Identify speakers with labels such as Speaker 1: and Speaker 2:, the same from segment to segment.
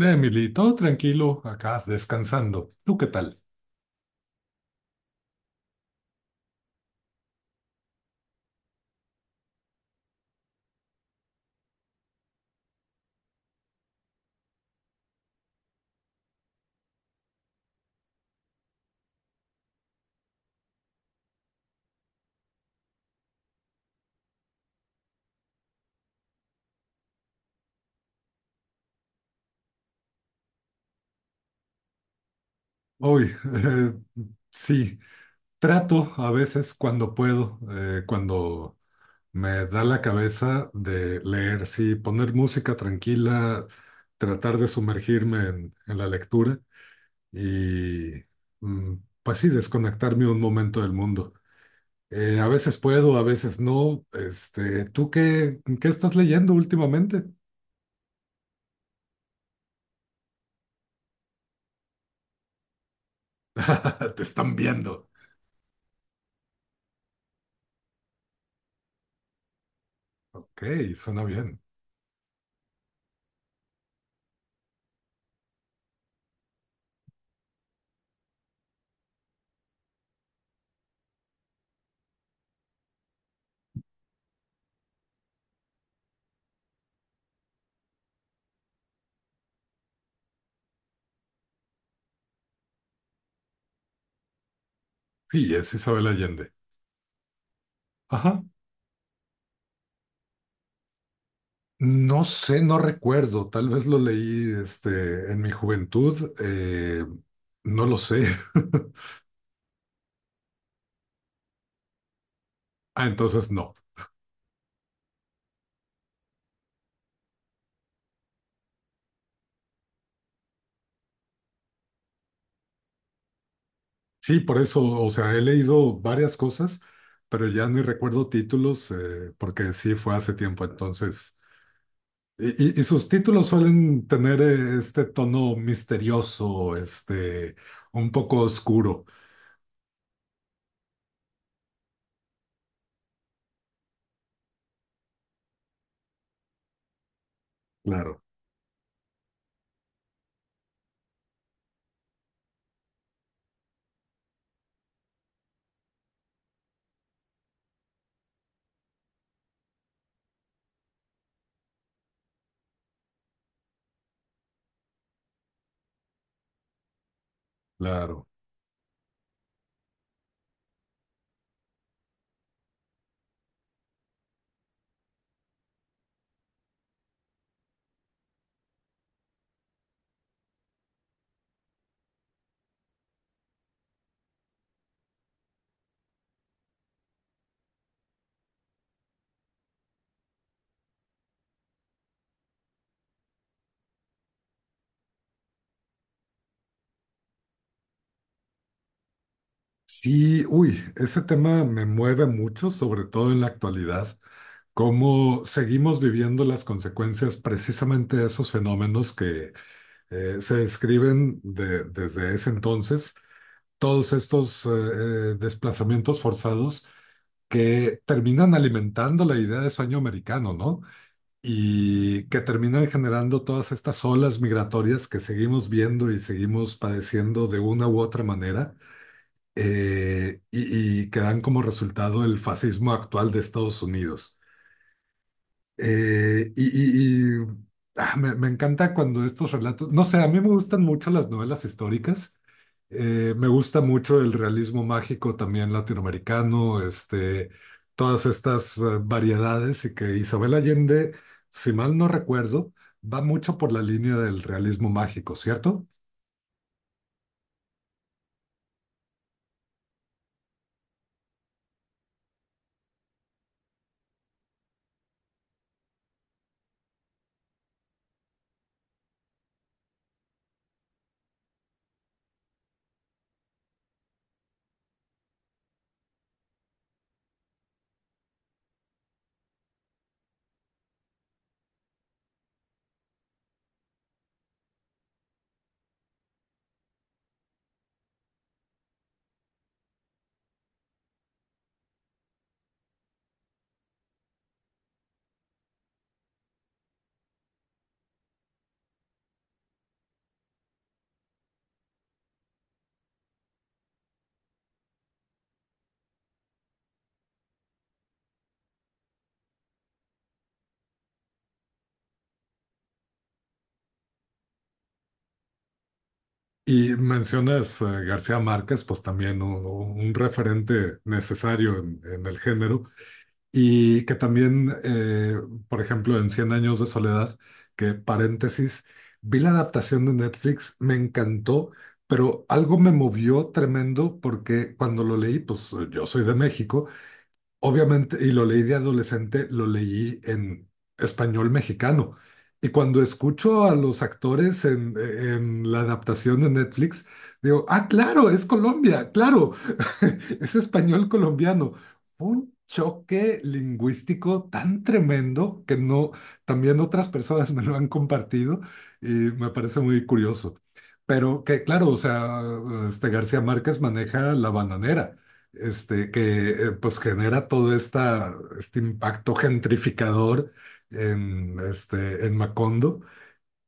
Speaker 1: Emily, todo tranquilo, acá descansando. ¿Tú qué tal? Hoy, sí, trato a veces cuando puedo, cuando me da la cabeza de leer, sí, poner música tranquila, tratar de sumergirme en la lectura y, mm, pues sí, desconectarme un momento del mundo. A veces puedo, a veces no. Este, ¿tú qué estás leyendo últimamente? Te están viendo. Ok, suena bien. Sí, es Isabel Allende. Ajá. No sé, no recuerdo. Tal vez lo leí en mi juventud. No lo sé. Ah, entonces no. Sí, por eso, o sea, he leído varias cosas, pero ya ni recuerdo títulos, porque sí fue hace tiempo, entonces. Y, y sus títulos suelen tener este tono misterioso, un poco oscuro. Claro, claro. Sí, uy, ese tema me mueve mucho, sobre todo en la actualidad, cómo seguimos viviendo las consecuencias precisamente de esos fenómenos que se describen desde ese entonces, todos estos desplazamientos forzados que terminan alimentando la idea de sueño americano, ¿no? Y que terminan generando todas estas olas migratorias que seguimos viendo y seguimos padeciendo de una u otra manera y que dan como resultado el fascismo actual de Estados Unidos. Eh, y y- y, me encanta cuando estos relatos, no sé, a mí me gustan mucho las novelas históricas, me gusta mucho el realismo mágico también latinoamericano, todas estas variedades y que Isabel Allende, si mal no recuerdo, va mucho por la línea del realismo mágico, ¿cierto? Y mencionas a García Márquez, pues también un referente necesario en el género, y que también, por ejemplo, en Cien años de soledad, que paréntesis, vi la adaptación de Netflix, me encantó, pero algo me movió tremendo porque cuando lo leí, pues yo soy de México, obviamente, y lo leí de adolescente, lo leí en español mexicano. Y cuando escucho a los actores en la adaptación de Netflix, digo, ah, claro, es Colombia, claro, es español colombiano. Fue un choque lingüístico tan tremendo que no, también otras personas me lo han compartido y me parece muy curioso. Pero que, claro, o sea, García Márquez maneja la bananera, que pues genera este impacto gentrificador en, en Macondo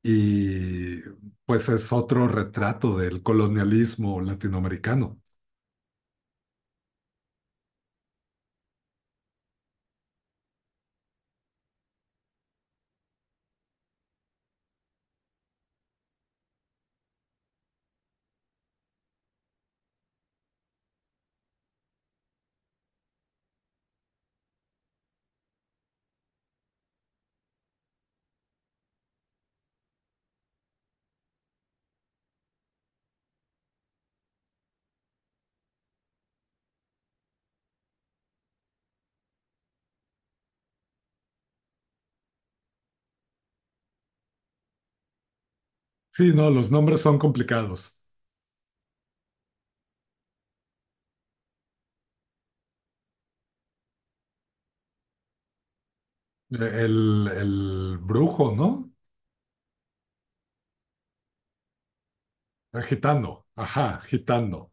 Speaker 1: y pues es otro retrato del colonialismo latinoamericano. Sí, no, los nombres son complicados. Eh, el brujo, ¿no? Gitano, ajá, gitano.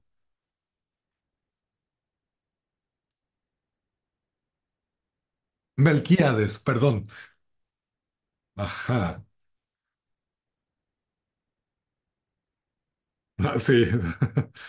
Speaker 1: Melquíades, perdón. Ajá. Ah, sí.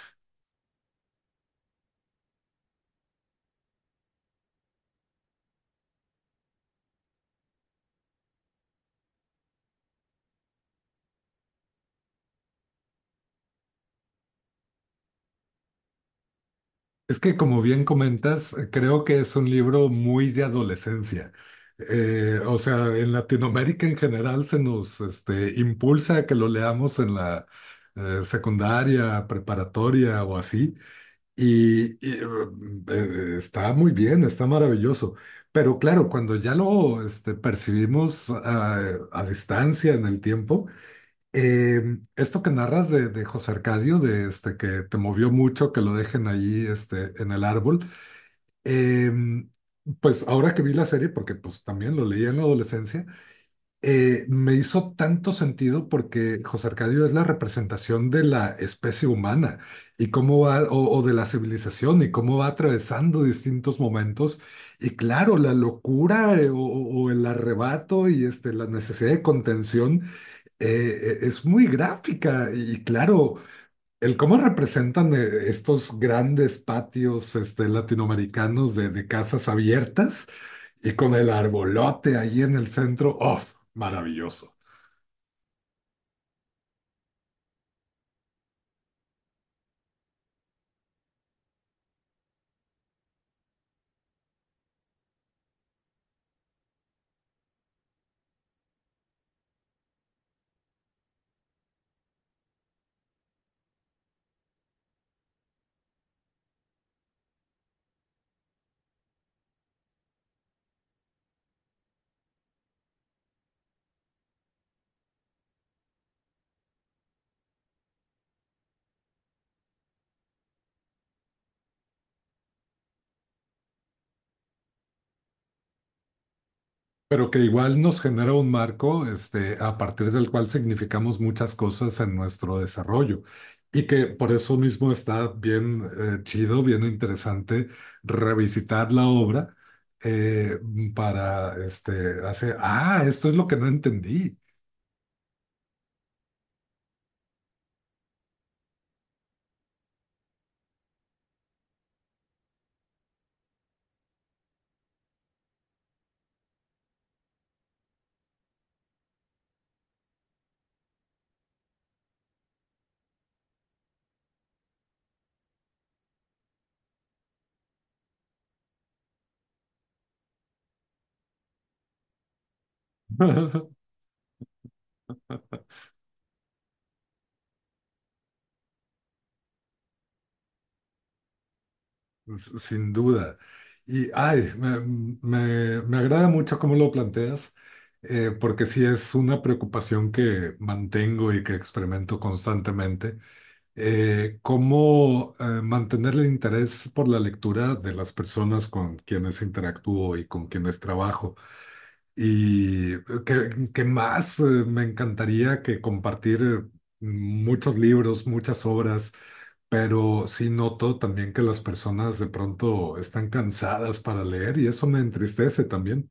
Speaker 1: Es que como bien comentas, creo que es un libro muy de adolescencia. O sea, en Latinoamérica en general se nos impulsa a que lo leamos en la secundaria, preparatoria o así. Y, y, eh, Está muy bien, está maravilloso. Pero claro, cuando ya lo percibimos a distancia en el tiempo, eh, esto que narras de José Arcadio, de este que te movió mucho, que lo dejen ahí en el árbol, eh, pues ahora que vi la serie, porque pues también lo leí en la adolescencia, me hizo tanto sentido porque José Arcadio es la representación de la especie humana y cómo va, o de la civilización y cómo va atravesando distintos momentos. Y claro, la locura o el arrebato y la necesidad de contención es muy gráfica y claro, el cómo representan estos grandes patios latinoamericanos de casas abiertas y con el arbolote ahí en el centro, ¡oh! Maravilloso. Pero que igual nos genera un marco, a partir del cual significamos muchas cosas en nuestro desarrollo. Y que por eso mismo está bien chido, bien interesante revisitar la obra eh, para hacer, ah, esto es lo que no entendí. S- Sin duda. Y, ay, me agrada mucho cómo lo planteas, porque sí es una preocupación que mantengo y que experimento constantemente cómo mantener el interés por la lectura de las personas con quienes interactúo y con quienes trabajo. Y que más, me encantaría que compartir muchos libros, muchas obras, pero sí noto también que las personas de pronto están cansadas para leer y eso me entristece también,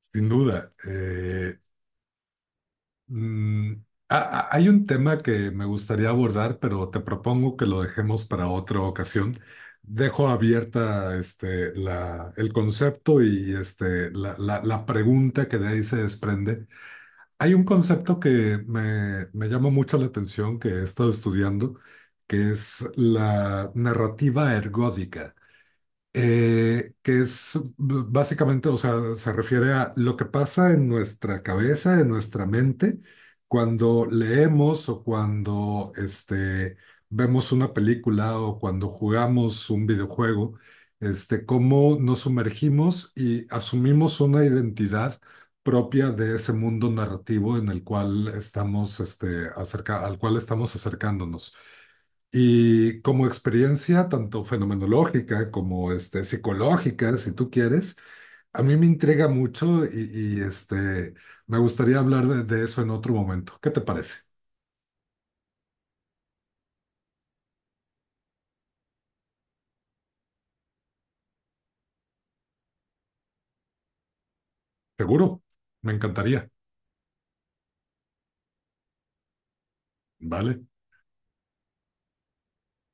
Speaker 1: sin duda. Mm, hay un tema que me gustaría abordar, pero te propongo que lo dejemos para otra ocasión. Dejo abierta el concepto y la pregunta que de ahí se desprende. Hay un concepto que me llama mucho la atención, que he estado estudiando, que es la narrativa ergódica que es básicamente, o sea, se refiere a lo que pasa en nuestra cabeza, en nuestra mente, cuando leemos o cuando vemos una película o cuando jugamos un videojuego, cómo nos sumergimos y asumimos una identidad propia de ese mundo narrativo en el cual estamos, al cual estamos acercándonos. Y como experiencia tanto fenomenológica como psicológica, si tú quieres, a mí me intriga mucho y me gustaría hablar de eso en otro momento. ¿Qué te parece? Seguro, me encantaría. Vale.